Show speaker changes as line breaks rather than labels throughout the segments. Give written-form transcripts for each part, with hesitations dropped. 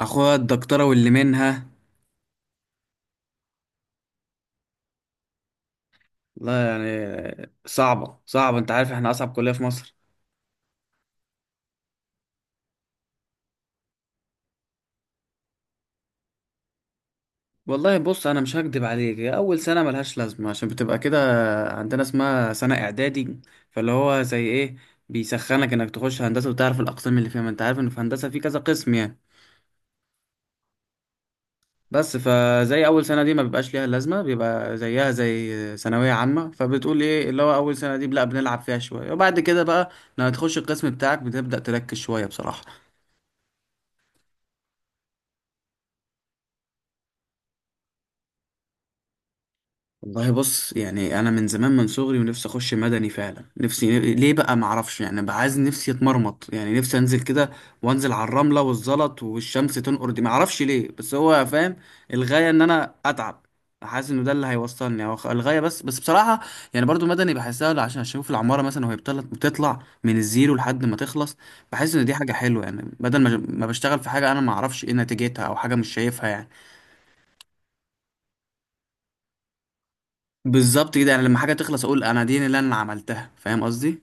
اخويا الدكتوره واللي منها. لا، يعني صعبه صعبه، انت عارف احنا اصعب كليه في مصر. والله بص، انا مش هكدب عليك، هي اول سنه ملهاش لازمه عشان بتبقى كده، عندنا اسمها سنه اعدادي. فاللي هو زي ايه، بيسخنك انك تخش هندسه وتعرف الاقسام اللي فيها، ما انت عارف ان في هندسه في كذا قسم يعني. بس فزي اول سنه دي ما بيبقاش ليها لازمه، بيبقى زيها زي ثانويه عامه، فبتقول ايه؟ اللي هو اول سنه دي لا بنلعب فيها شويه، وبعد كده بقى لما تخش القسم بتاعك بتبدا تركز شويه بصراحه. والله بص، يعني انا من زمان، من صغري ونفسي اخش مدني، فعلا نفسي، ليه بقى معرفش، يعني بقى عايز نفسي اتمرمط، يعني نفسي انزل كده وانزل على الرمله والزلط والشمس تنقر، دي معرفش ليه بس هو فاهم الغايه، ان انا اتعب. حاسس انه ده اللي هيوصلني هو الغايه، بس بصراحه. يعني برضو مدني بحسها عشان اشوف العماره مثلا وهي بتطلع من الزيرو لحد ما تخلص. بحس ان دي حاجه حلوه، يعني بدل ما بشتغل في حاجه انا معرفش ايه نتيجتها او حاجه مش شايفها يعني. بالظبط كده، يعني لما حاجه تخلص اقول انا دي اللي انا عملتها، فاهم قصدي؟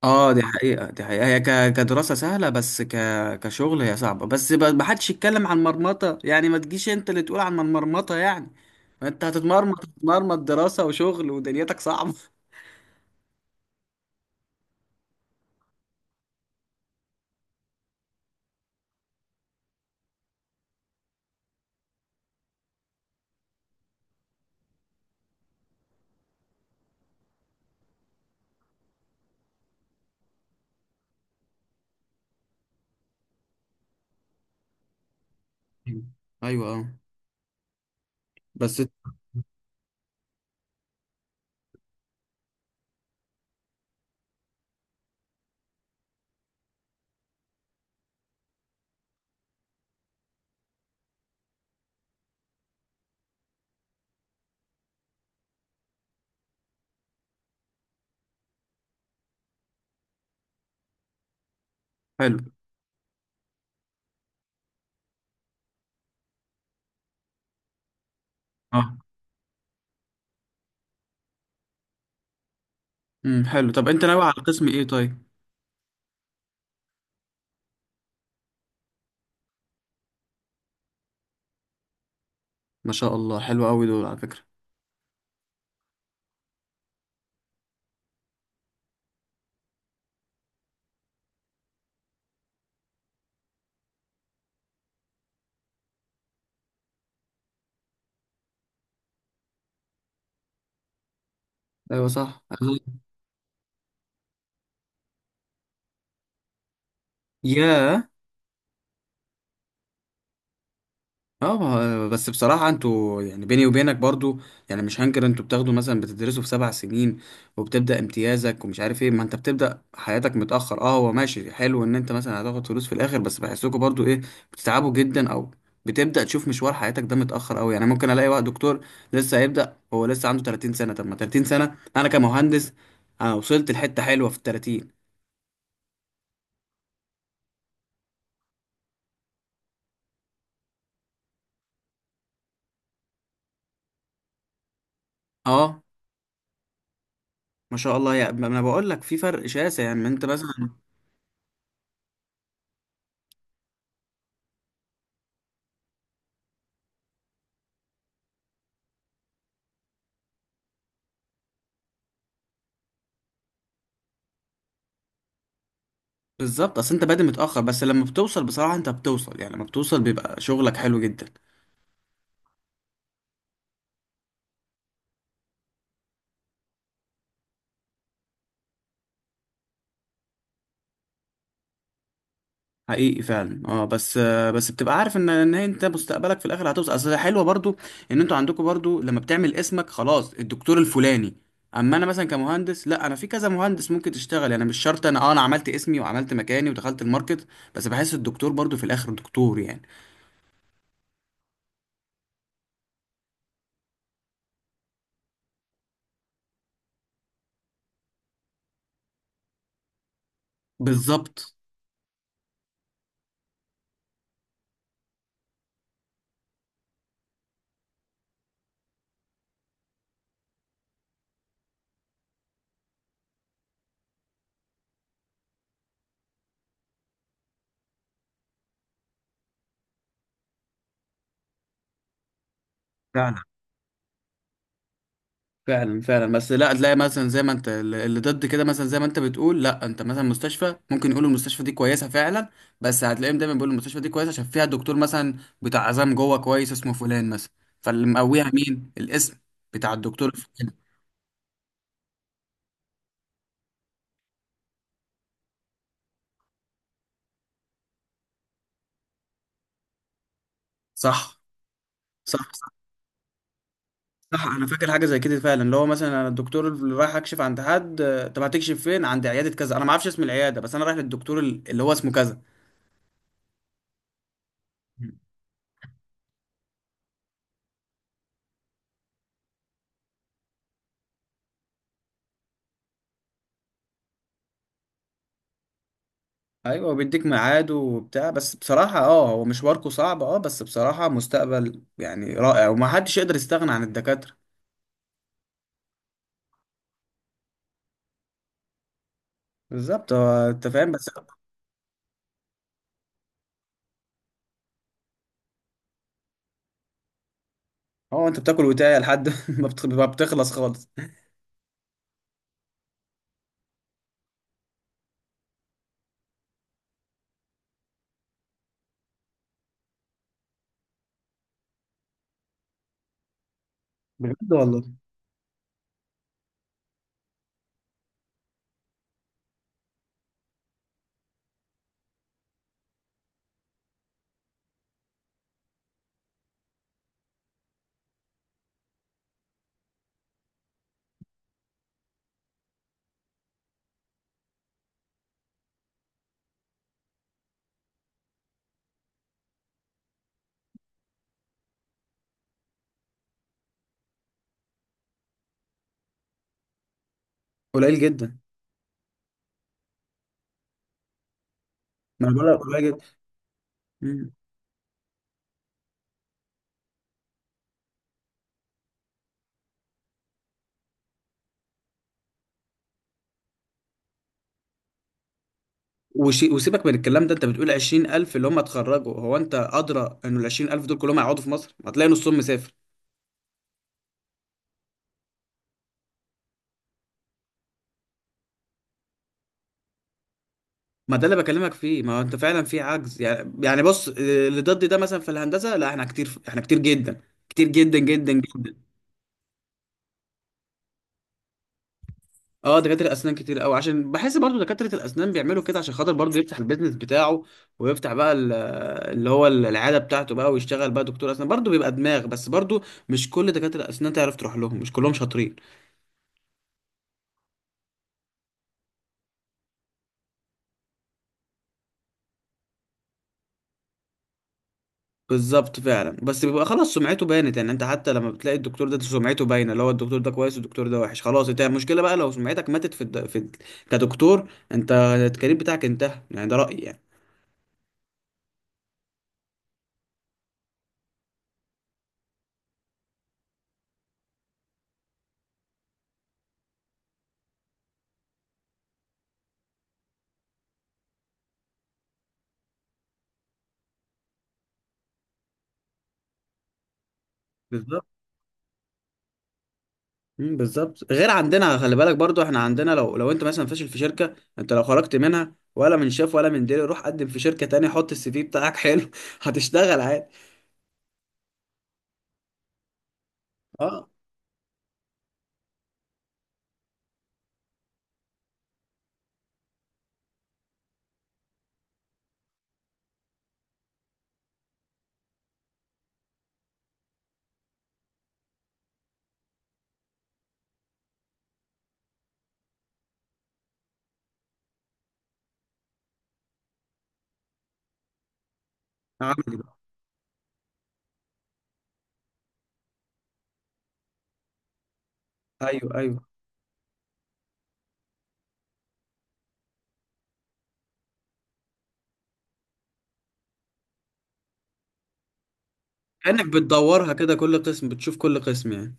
اه، دي حقيقه، دي حقيقه، هي كدراسه سهله، بس كشغل هي صعبه، بس ما حدش يتكلم عن مرمطه يعني، ما تجيش انت اللي تقول عن مرمطه يعني، ما انت هتتمرمط هتتمرمط، دراسه وشغل ودنيتك صعبه ايوه، ايوه، اه، بس حلو. اه، حلو. طب انت ناوي على قسم ايه طيب؟ ما شاء الله، حلو قوي دول على فكره. ايوه، صح. يا. اه، بس بصراحة انتوا يعني، بيني وبينك برضو، يعني مش هنكر انتوا بتاخدوا مثلا، بتدرسوا في سبع سنين وبتبدأ امتيازك ومش عارف ايه، ما انت بتبدأ حياتك متأخر. اه هو ماشي حلو ان انت مثلا هتاخد فلوس في الاخر، بس بحسكوا برضو ايه، بتتعبوا جدا، او بتبدأ تشوف مشوار حياتك ده متأخر قوي. يعني ممكن الاقي واحد دكتور لسه هيبدأ، هو لسه عنده 30 سنة. طب ما 30 سنة انا كمهندس، انا وصلت لحتة حلوة في ال 30. اه، ما شاء الله. يا ما انا بقول لك في فرق شاسع، يعني انت مثلا. بالظبط، اصل انت بادئ متاخر، بس لما بتوصل بصراحه انت بتوصل، يعني لما بتوصل بيبقى شغلك حلو جدا. حقيقي فعلا. اه، بس بس بتبقى عارف ان هي انت مستقبلك في الاخر هتوصل. اصل حلوه برضو ان انتوا عندكم برضو، لما بتعمل اسمك خلاص الدكتور الفلاني. اما انا مثلا كمهندس، لا، انا في كذا مهندس ممكن تشتغل، يعني مش شرط انا عملت اسمي وعملت مكاني ودخلت الماركت. بس بحس الدكتور برضو في الاخر دكتور يعني. بالظبط. فعلا فعلا، بس لا تلاقي مثلا زي ما انت اللي ضد كده، مثلا زي ما انت بتقول لا، انت مثلا مستشفى ممكن يقولوا المستشفى دي كويسه فعلا، بس هتلاقيهم دايما بيقولوا المستشفى دي كويسه عشان فيها دكتور مثلا بتاع عظام جوه كويس، اسمه فلان مثلا. فاللي مقويها مين؟ الاسم بتاع الدكتور الفلاني. صح، صح، صح، صح، انا فاكر حاجه زي كده فعلا، اللي هو مثلا انا الدكتور اللي رايح اكشف عند حد. طب هتكشف فين؟ عند عياده كذا. انا ما اعرفش اسم العياده، بس انا رايح للدكتور اللي هو اسمه كذا. ايوه، بيديك ميعاد وبتاع. بس بصراحه اه، هو مشواركو صعب، اه بس بصراحه مستقبل يعني رائع، وما حدش يقدر يستغنى عن الدكاتره. بالظبط، هو انت فاهم بس. اه، انت بتاكل وتايه لحد ما بتخلص خالص. بجد والله. قليل جدا. ما انا بقول لك قليل جدا. مم. وشي وسيبك من الكلام ده، انت بتقول 20000 اللي هم اتخرجوا. هو انت ادرى انه ال 20000 دول كلهم هيقعدوا في مصر؟ ما هتلاقي نصهم مسافر. ما ده اللي بكلمك فيه، ما هو انت فعلا في عجز يعني بص، اللي ضدي ده مثلا في الهندسه، لا احنا كتير، احنا كتير جدا، كتير جدا جدا جدا. اه، دكاتره الاسنان كتير قوي، عشان بحس برضو دكاتره الاسنان بيعملوا كده عشان خاطر برضو يفتح البيزنس بتاعه، ويفتح بقى اللي هو العياده بتاعته بقى، ويشتغل بقى دكتور اسنان. برضو بيبقى دماغ بس برضو، مش كل دكاتره الاسنان تعرف تروح لهم، مش كلهم شاطرين. بالظبط فعلا، بس بيبقى خلاص سمعته. بانت يعني انت، حتى لما بتلاقي الدكتور ده سمعته باينه، اللي هو الدكتور ده كويس والدكتور ده وحش. خلاص انت المشكله بقى لو سمعتك ماتت في كدكتور، انت الكارير بتاعك انتهى يعني، ده رايي يعني. بالظبط. بالظبط. غير عندنا خلي بالك برضو احنا عندنا لو انت مثلا فاشل في شركه، انت لو خرجت منها، ولا من شاف ولا من ديري، روح قدم في شركه تانية، حط السي في بتاعك حلو هتشتغل عادي. اه. عملي بقى. ايوه، ايوه، كانك بتدورها كده، كل قسم بتشوف، كل قسم يعني.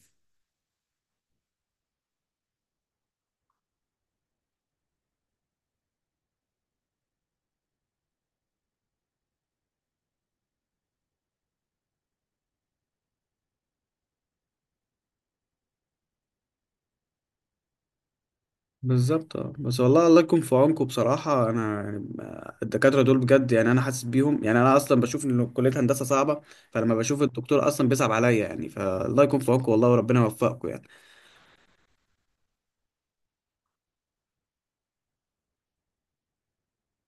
بالظبط، اه، بس والله الله يكون في عونكم بصراحة، أنا يعني الدكاترة دول بجد يعني، أنا حاسس بيهم. يعني أنا أصلا بشوف إن كلية هندسة صعبة، فلما بشوف الدكتور أصلا بيصعب عليا يعني. فالله يكون في عونكم والله، وربنا يوفقكم يعني.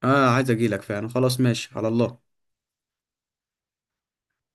أنا عايز أجيلك فعلا، خلاص ماشي على الله.